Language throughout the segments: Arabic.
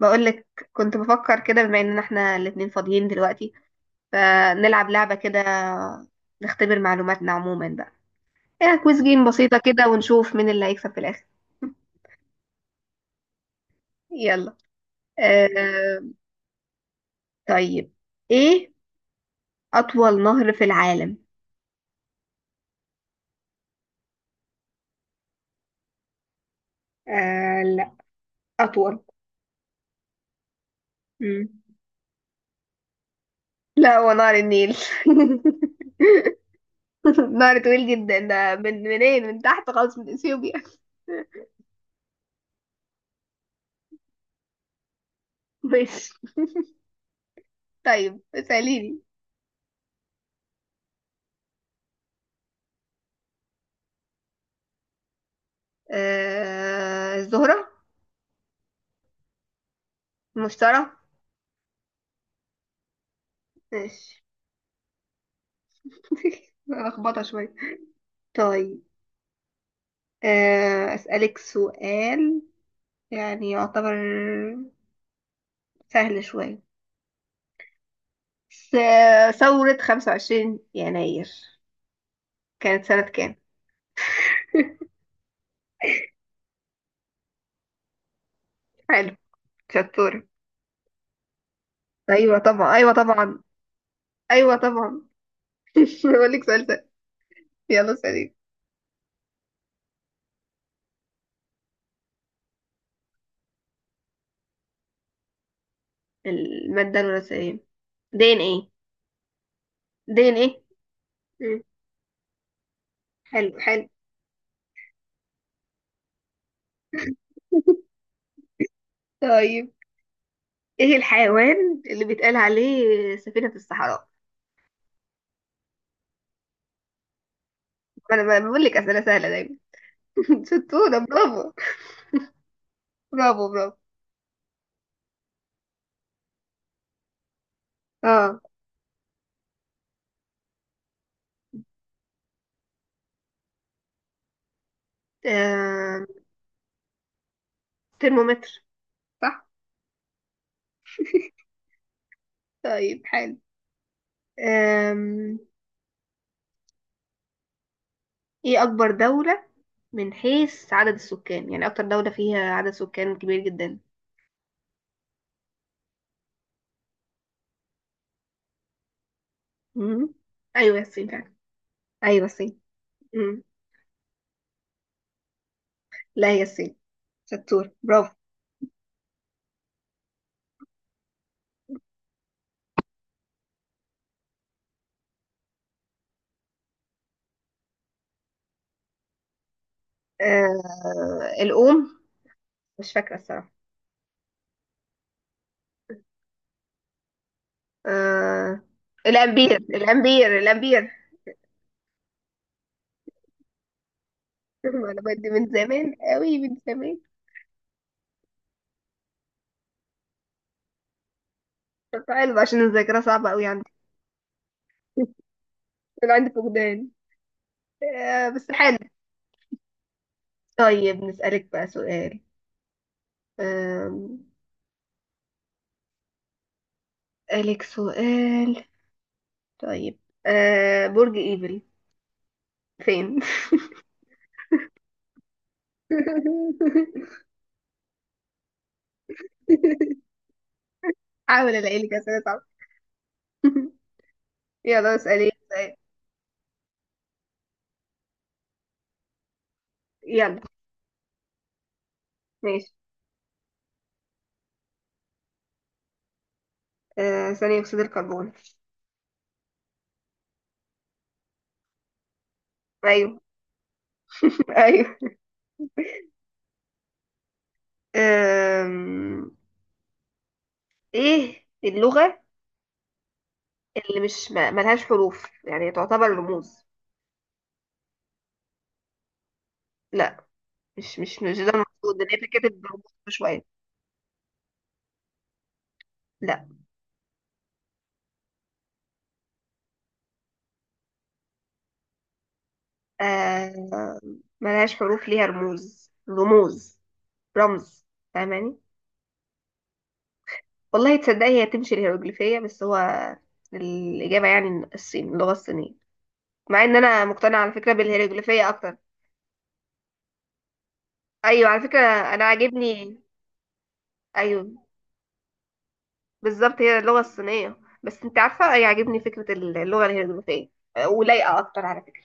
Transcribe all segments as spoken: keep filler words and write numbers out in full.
بقولك، كنت بفكر كده بما اننا احنا الاتنين فاضيين دلوقتي، فنلعب لعبة كده، نختبر معلوماتنا عموما بقى. ايه، كويز جيم بسيطة كده ونشوف مين اللي هيكسب في الاخر. يلا. آه طيب ايه اطول نهر في العالم؟ آه لا، أطول. مم. لا، هو نهر النيل. نهر طويل جدا، ده من منين، من تحت خالص من اثيوبيا. ماشي. طيب اسأليني. آه الزهرة. مشترى. ماشي. لخبطة شوية. طيب. آه، أسألك سؤال. يعني يعتبر سهل شوية. س- ثورة خمس وعشرين يناير كانت سنة كام؟ حلو. شطورة. أيوة طبعا، أيوة طبعا، أيوة طبعا. بقول لك سؤال سهل. يلا سليم. المادة الوراثية دي ان ايه. دي ان ايه. مم. حلو، حلو. طيب، ايه الحيوان اللي بيتقال عليه سفينة الصحراء؟ انا ب- بقول لك اسئله سهله دايما. شطوره برافو. برافو برافو. اه. آم، ترمومتر. صح. طيب حلو. آم، ايه اكبر دوله من حيث عدد السكان؟ يعني اكتر دوله فيها عدد سكان كبير جدا. مم. ايوه الصين فعلا. ايوه الصين. مم. لا، هي الصين. شطور برافو. آه الأم، مش فاكرة الصراحة. آه الأمبير، الأمبير، الأمبير. المعلومات دي من زمان قوي، من زمان. طب حلو، عشان الذاكرة صعبة قوي عندي. انا عندي فقدان. آه، بس حلو. طيب نسألك بقى سؤال. آم، أسألك سؤال. طيب. آه، برج ايفل فين؟ حاول الاقي لك أسئلة صعبة. يلا اسألي سؤال. يلا ماشي. آه، ثاني أكسيد الكربون. أيوه. أيوه. آم، إيه اللغة اللي مش ما- ملهاش حروف يعني تعتبر رموز؟ لا، مش مش مش ده المقصود، اللي هي فكرة الرموز. شوية. لا آه، ملهاش حروف، ليها رموز رموز رمز. فاهماني، والله تصدقي هي تمشي الهيروغليفية، بس هو الإجابة يعني الصين، اللغة الصينية. مع إن أنا مقتنعة على فكرة بالهيروغليفية أكتر. أيوة على فكرة. أنا عاجبني. أيوة، بالظبط هي اللغة الصينية، بس أنت عارفة أي عاجبني فكرة اللغة الهيروغليفية. آه، ولايقة أكتر على فكرة.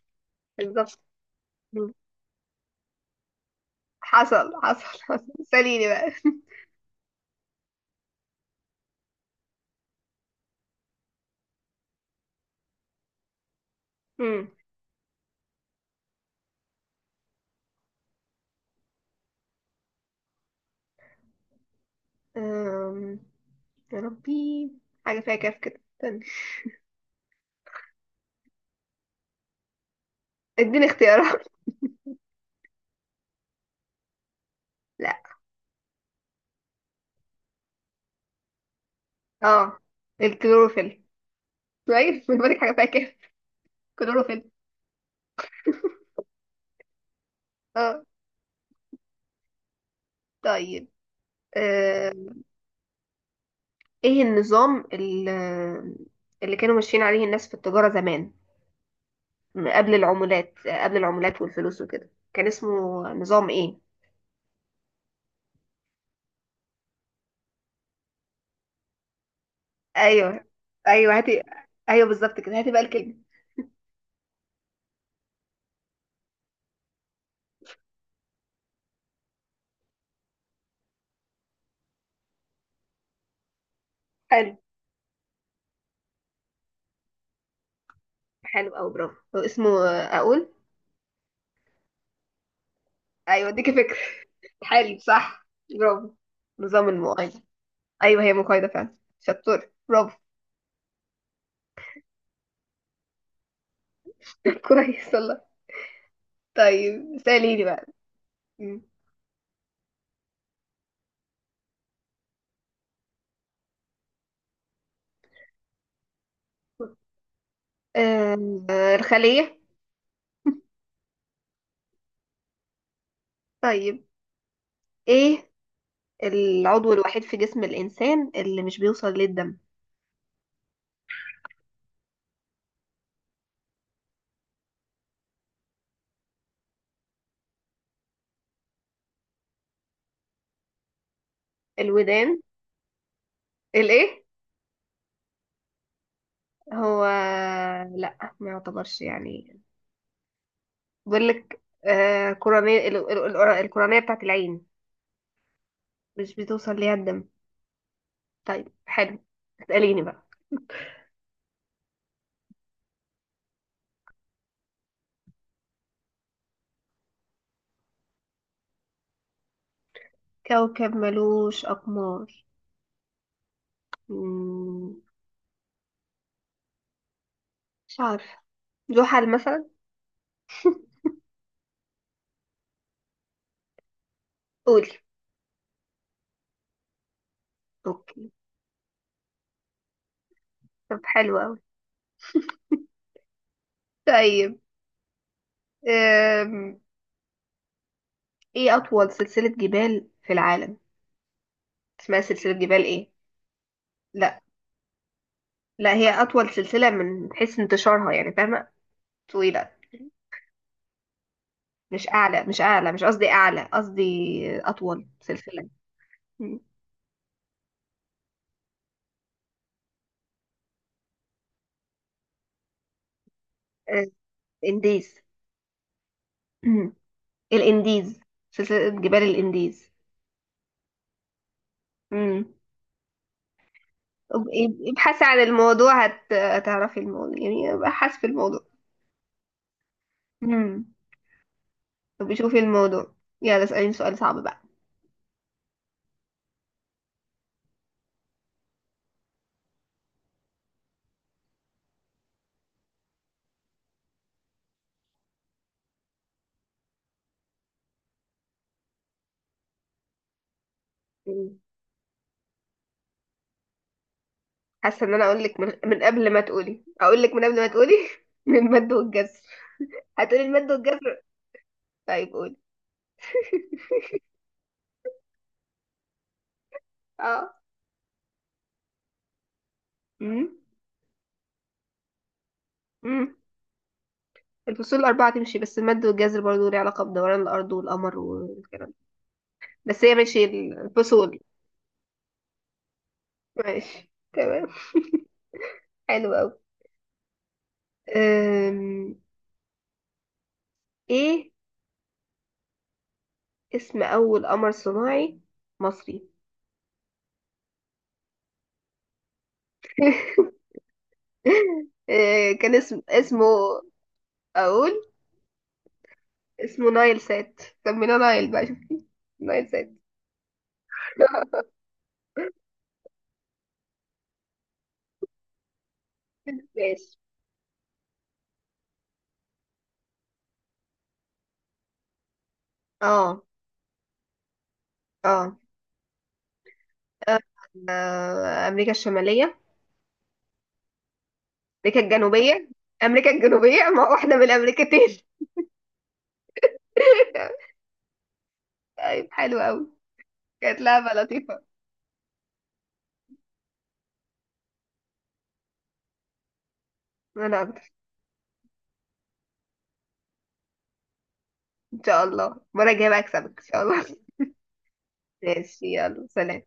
بالظبط. مم. حصل، حصل، حصل. سأليني بقى. مم. أم... يا ربي، حاجة فيها كاف كده، استنى. اديني اختيارات. لا، اه الكلوروفيل. كويس، من بالك؟ حاجة فيها كاف، كلوروفيل. اه. طيب. أم... ايه النظام ال- اللي كانوا ماشيين عليه الناس في التجارة زمان؟ م- قبل العمولات قبل العمولات والفلوس وكده، كان اسمه نظام ايه؟ ايوه، ايوه، هاتي. ايوه، بالظبط كده، هاتي بقى الكلمة. حلو، حلو قوي، برافو. هو اسمه اقول؟ ايوه، اديكي فكرة. حلو، صح، برافو. نظام المؤايدة. أيوه هي مقايضة فعلا، شطور برافو. كويس والله. طيب سأليني بقى. مم. آم، آه، الخلية. طيب، إيه العضو الوحيد في جسم الإنسان اللي مش بيوصل للدم؟ الودان. الإيه؟ هو لأ، ما يعتبرش يعني. بقول لك آه كورانية ال- ال- ال- الكورانية بتاعت العين، مش بتوصل ليها الدم. طيب حلو. اسأليني بقى. كوكب ملوش أقمار؟ مم، مش عارفة. زحل مثلا؟ قولي. اوكي. طب حلو اوي. طيب. أم... ايه اطول سلسلة جبال في العالم؟ اسمها سلسلة جبال ايه؟ لا، لا، هي اطول سلسلة من حيث انتشارها يعني، فاهمة؟ طويلة، مش اعلى مش اعلى، مش قصدي اعلى، قصدي اطول سلسلة. مم. أه، انديز. مم. الانديز. سلسلة جبال الانديز. مم. اب- ابحثي عن الموضوع، هت... هتعرفي الموضوع، يعني ابحث في الموضوع. امم طب شوفي الموضوع. يلا اسأليني سؤال صعب بقى. مم. حاسة ان انا اقول لك من... من قبل ما تقولي، اقول لك من قبل ما تقولي. من المد والجزر. هتقولي المد والجزر؟ طيب قولي. اه. امم. امم. الفصول الأربعة تمشي، بس المد والجزر برضه ليه علاقة بدوران الأرض والقمر والكلام ده. بس هي ماشي الفصول. ماشي تمام. حلو أوي. أم... ايه اسم أول قمر صناعي مصري؟ أه، كان اسم اسمه أقول. اسمه نايل سات. سميناه نايل بقى، شوف، نايل سات. ماشي. اه، اه. آه، امريكا الشماليه. امريكا الجنوبيه. امريكا الجنوبيه، ما هو احنا من الامريكتين. طيب حلو قوي. كانت لعبه لطيفه. انا اكتر. ان شاء الله المره الجايه بقى اكسبك ان شاء الله. ماشي يلا سلام.